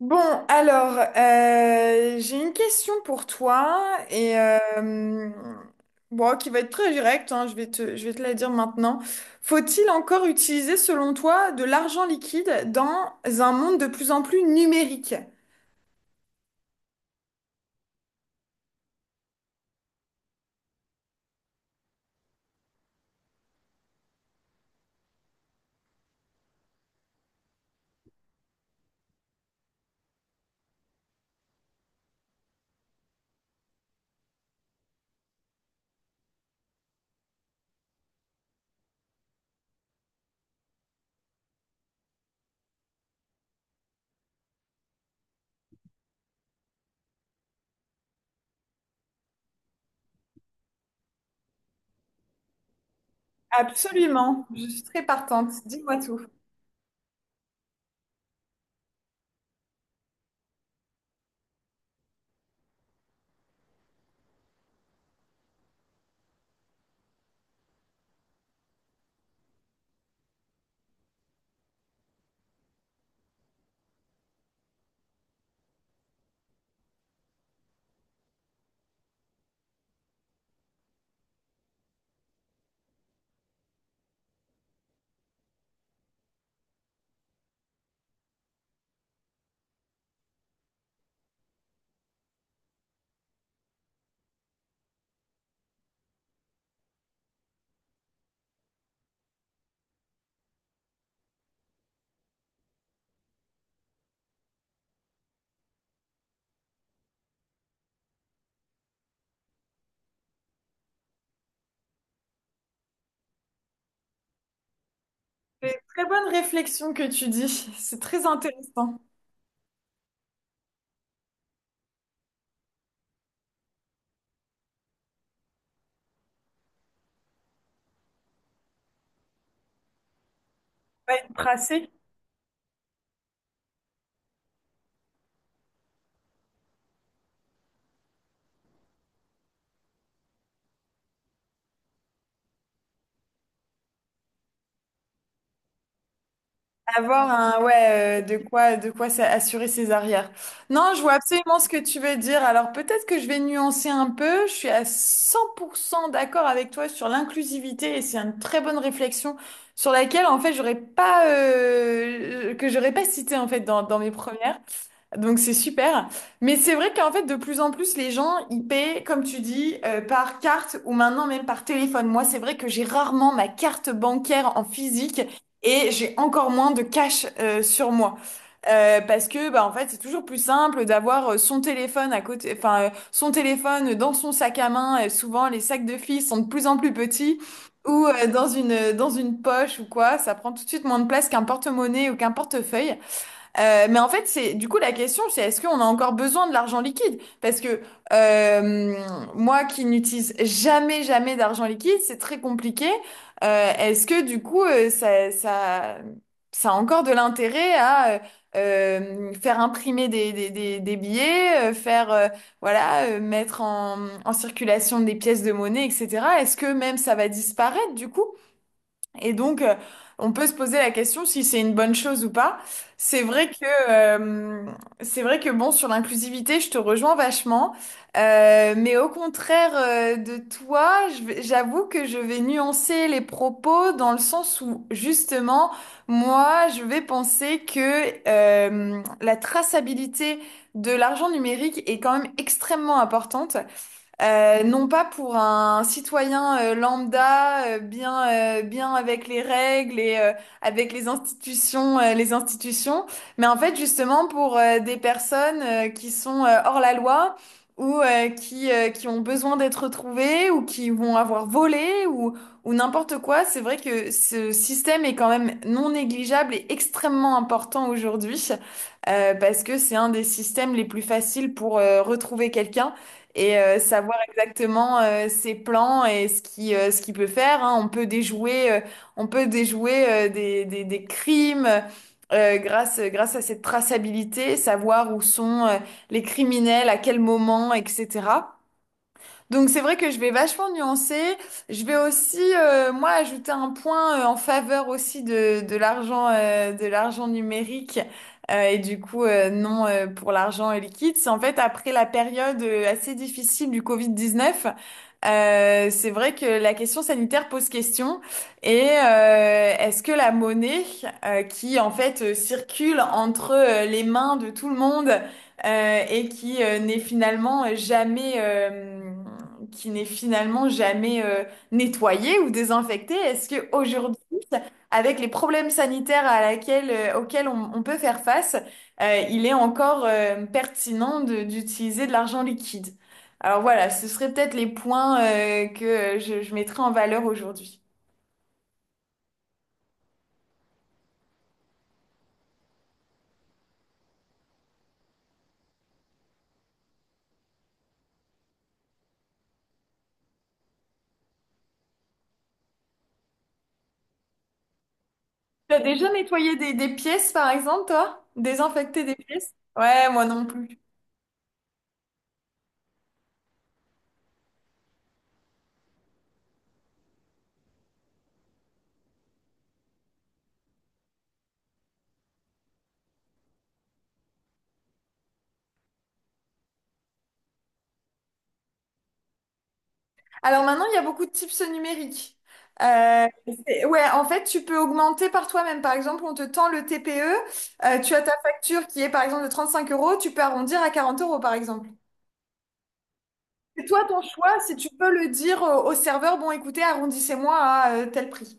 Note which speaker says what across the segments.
Speaker 1: Bon, alors, j'ai une question pour toi et euh, bon, qui va être très directe, hein, je vais te la dire maintenant. Faut-il encore utiliser, selon toi, de l'argent liquide dans un monde de plus en plus numérique? Absolument, je suis très partante. Dis-moi tout. C'est une très bonne réflexion que tu dis, c'est très intéressant. On va être tracé. Avoir un, ouais, de quoi, assurer ses arrières. Non, je vois absolument ce que tu veux dire. Alors peut-être que je vais nuancer un peu. Je suis à 100% d'accord avec toi sur l'inclusivité, et c'est une très bonne réflexion sur laquelle, en fait, j'aurais pas, que j'aurais pas cité, en fait, dans mes premières. Donc c'est super. Mais c'est vrai qu'en fait, de plus en plus, les gens, ils paient, comme tu dis, par carte ou maintenant même par téléphone. Moi, c'est vrai que j'ai rarement ma carte bancaire en physique, et j'ai encore moins de cash sur moi. Parce que bah en fait c'est toujours plus simple d'avoir son téléphone à côté, enfin son téléphone dans son sac à main, et souvent les sacs de filles sont de plus en plus petits, ou dans une poche ou quoi, ça prend tout de suite moins de place qu'un porte-monnaie ou qu'un portefeuille. Mais en fait, c'est du coup la question, c'est est-ce qu'on a encore besoin de l'argent liquide? Parce que euh, moi qui n'utilise jamais d'argent liquide, c'est très compliqué. Est-ce que du coup, ça a encore de l'intérêt à faire imprimer des billets, faire voilà, mettre en circulation des pièces de monnaie, etc. Est-ce que même ça va disparaître du coup? Et donc, on peut se poser la question si c'est une bonne chose ou pas. C'est vrai que, euh, c'est vrai que bon, sur l'inclusivité, je te rejoins vachement. Mais au contraire, de toi, j'avoue que je vais nuancer les propos dans le sens où, justement, moi, je vais penser que, la traçabilité de l'argent numérique est quand même extrêmement importante. Non pas pour un citoyen lambda, bien avec les règles avec les institutions, mais en fait justement pour des personnes qui sont hors la loi, ou qui ont besoin d'être retrouvées, ou qui vont avoir volé, ou n'importe quoi. C'est vrai que ce système est quand même non négligeable et extrêmement important aujourd'hui, parce que c'est un des systèmes les plus faciles pour retrouver quelqu'un savoir exactement ses plans et ce qui ce qu'il peut faire, hein. On peut déjouer des crimes grâce à cette traçabilité, savoir où sont les criminels, à quel moment, etc. Donc c'est vrai que je vais vachement nuancer. Je vais aussi, moi, ajouter un point en faveur aussi de l'argent numérique. Et du coup, non pour l'argent liquide. C'est en fait après la période assez difficile du Covid-19. C'est vrai que la question sanitaire pose question. Est-ce que la monnaie qui en fait circule entre les mains de tout le monde, et qui n'est finalement jamais qui n'est finalement jamais nettoyée ou désinfectée, est-ce que aujourd'hui, avec les problèmes sanitaires à laquelle, auxquels on peut faire face, il est encore pertinent d'utiliser de l'argent liquide? Alors voilà, ce seraient peut-être les points que je mettrais en valeur aujourd'hui. T'as déjà nettoyé des pièces, par exemple, toi? Désinfecté des pièces? Ouais, moi non plus. Alors maintenant, il y a beaucoup de tips numériques. Euh, ouais, en fait, tu peux augmenter par toi-même. Par exemple, on te tend le TPE, tu as ta facture qui est par exemple de 35 euros, tu peux arrondir à 40 euros, par exemple. C'est toi ton choix, si tu peux le dire au, au serveur, bon écoutez, arrondissez-moi à tel prix.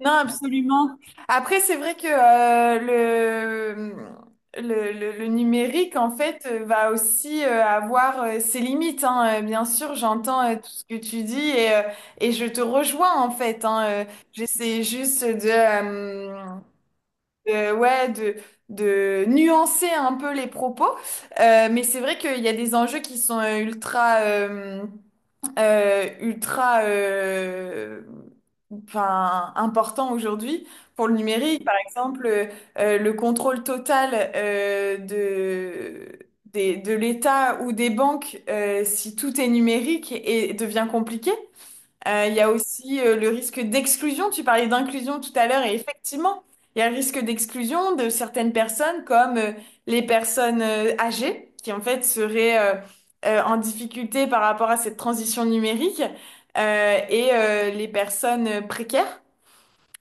Speaker 1: Non, absolument. Après, c'est vrai que le, le numérique, en fait, va aussi avoir ses limites, hein. Bien sûr, j'entends tout ce que tu dis, et je te rejoins, en fait, hein. J'essaie juste de, ouais, de nuancer un peu les propos. Mais c'est vrai qu'il y a des enjeux qui sont ultra enfin, important aujourd'hui pour le numérique. Par exemple, le contrôle total de l'État ou des banques, si tout est numérique, et devient compliqué. Il y a aussi le risque d'exclusion. Tu parlais d'inclusion tout à l'heure et effectivement, il y a le risque d'exclusion de certaines personnes comme les personnes âgées qui en fait seraient en difficulté par rapport à cette transition numérique, les personnes précaires.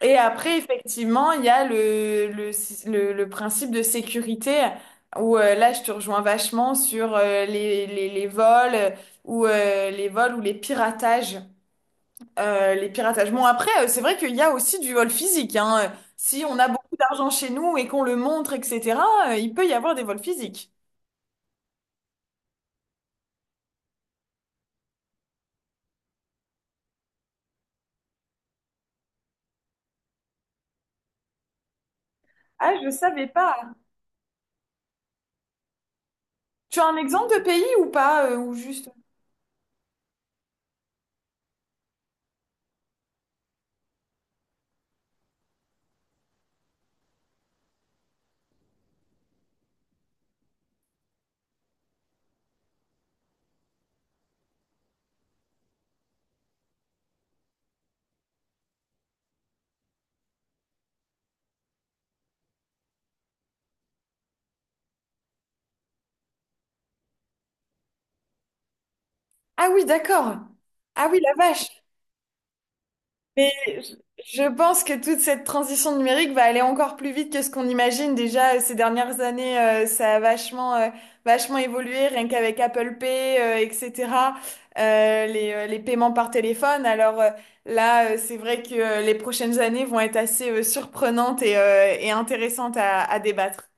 Speaker 1: Et après, effectivement, il y a le principe de sécurité où là, je te rejoins vachement sur les vols, ou les vols ou les piratages. Les piratages. Bon, après, c'est vrai qu'il y a aussi du vol physique, hein. Si on a beaucoup d'argent chez nous et qu'on le montre, etc., il peut y avoir des vols physiques. Ah, je savais pas. Tu as un exemple de pays ou pas, ou juste... Ah oui, d'accord. Ah oui, la vache. Mais je pense que toute cette transition numérique va aller encore plus vite que ce qu'on imagine. Déjà, ces dernières années, ça a vachement évolué, rien qu'avec Apple Pay, etc., les paiements par téléphone. Alors c'est vrai que les prochaines années vont être assez surprenantes et intéressantes à débattre.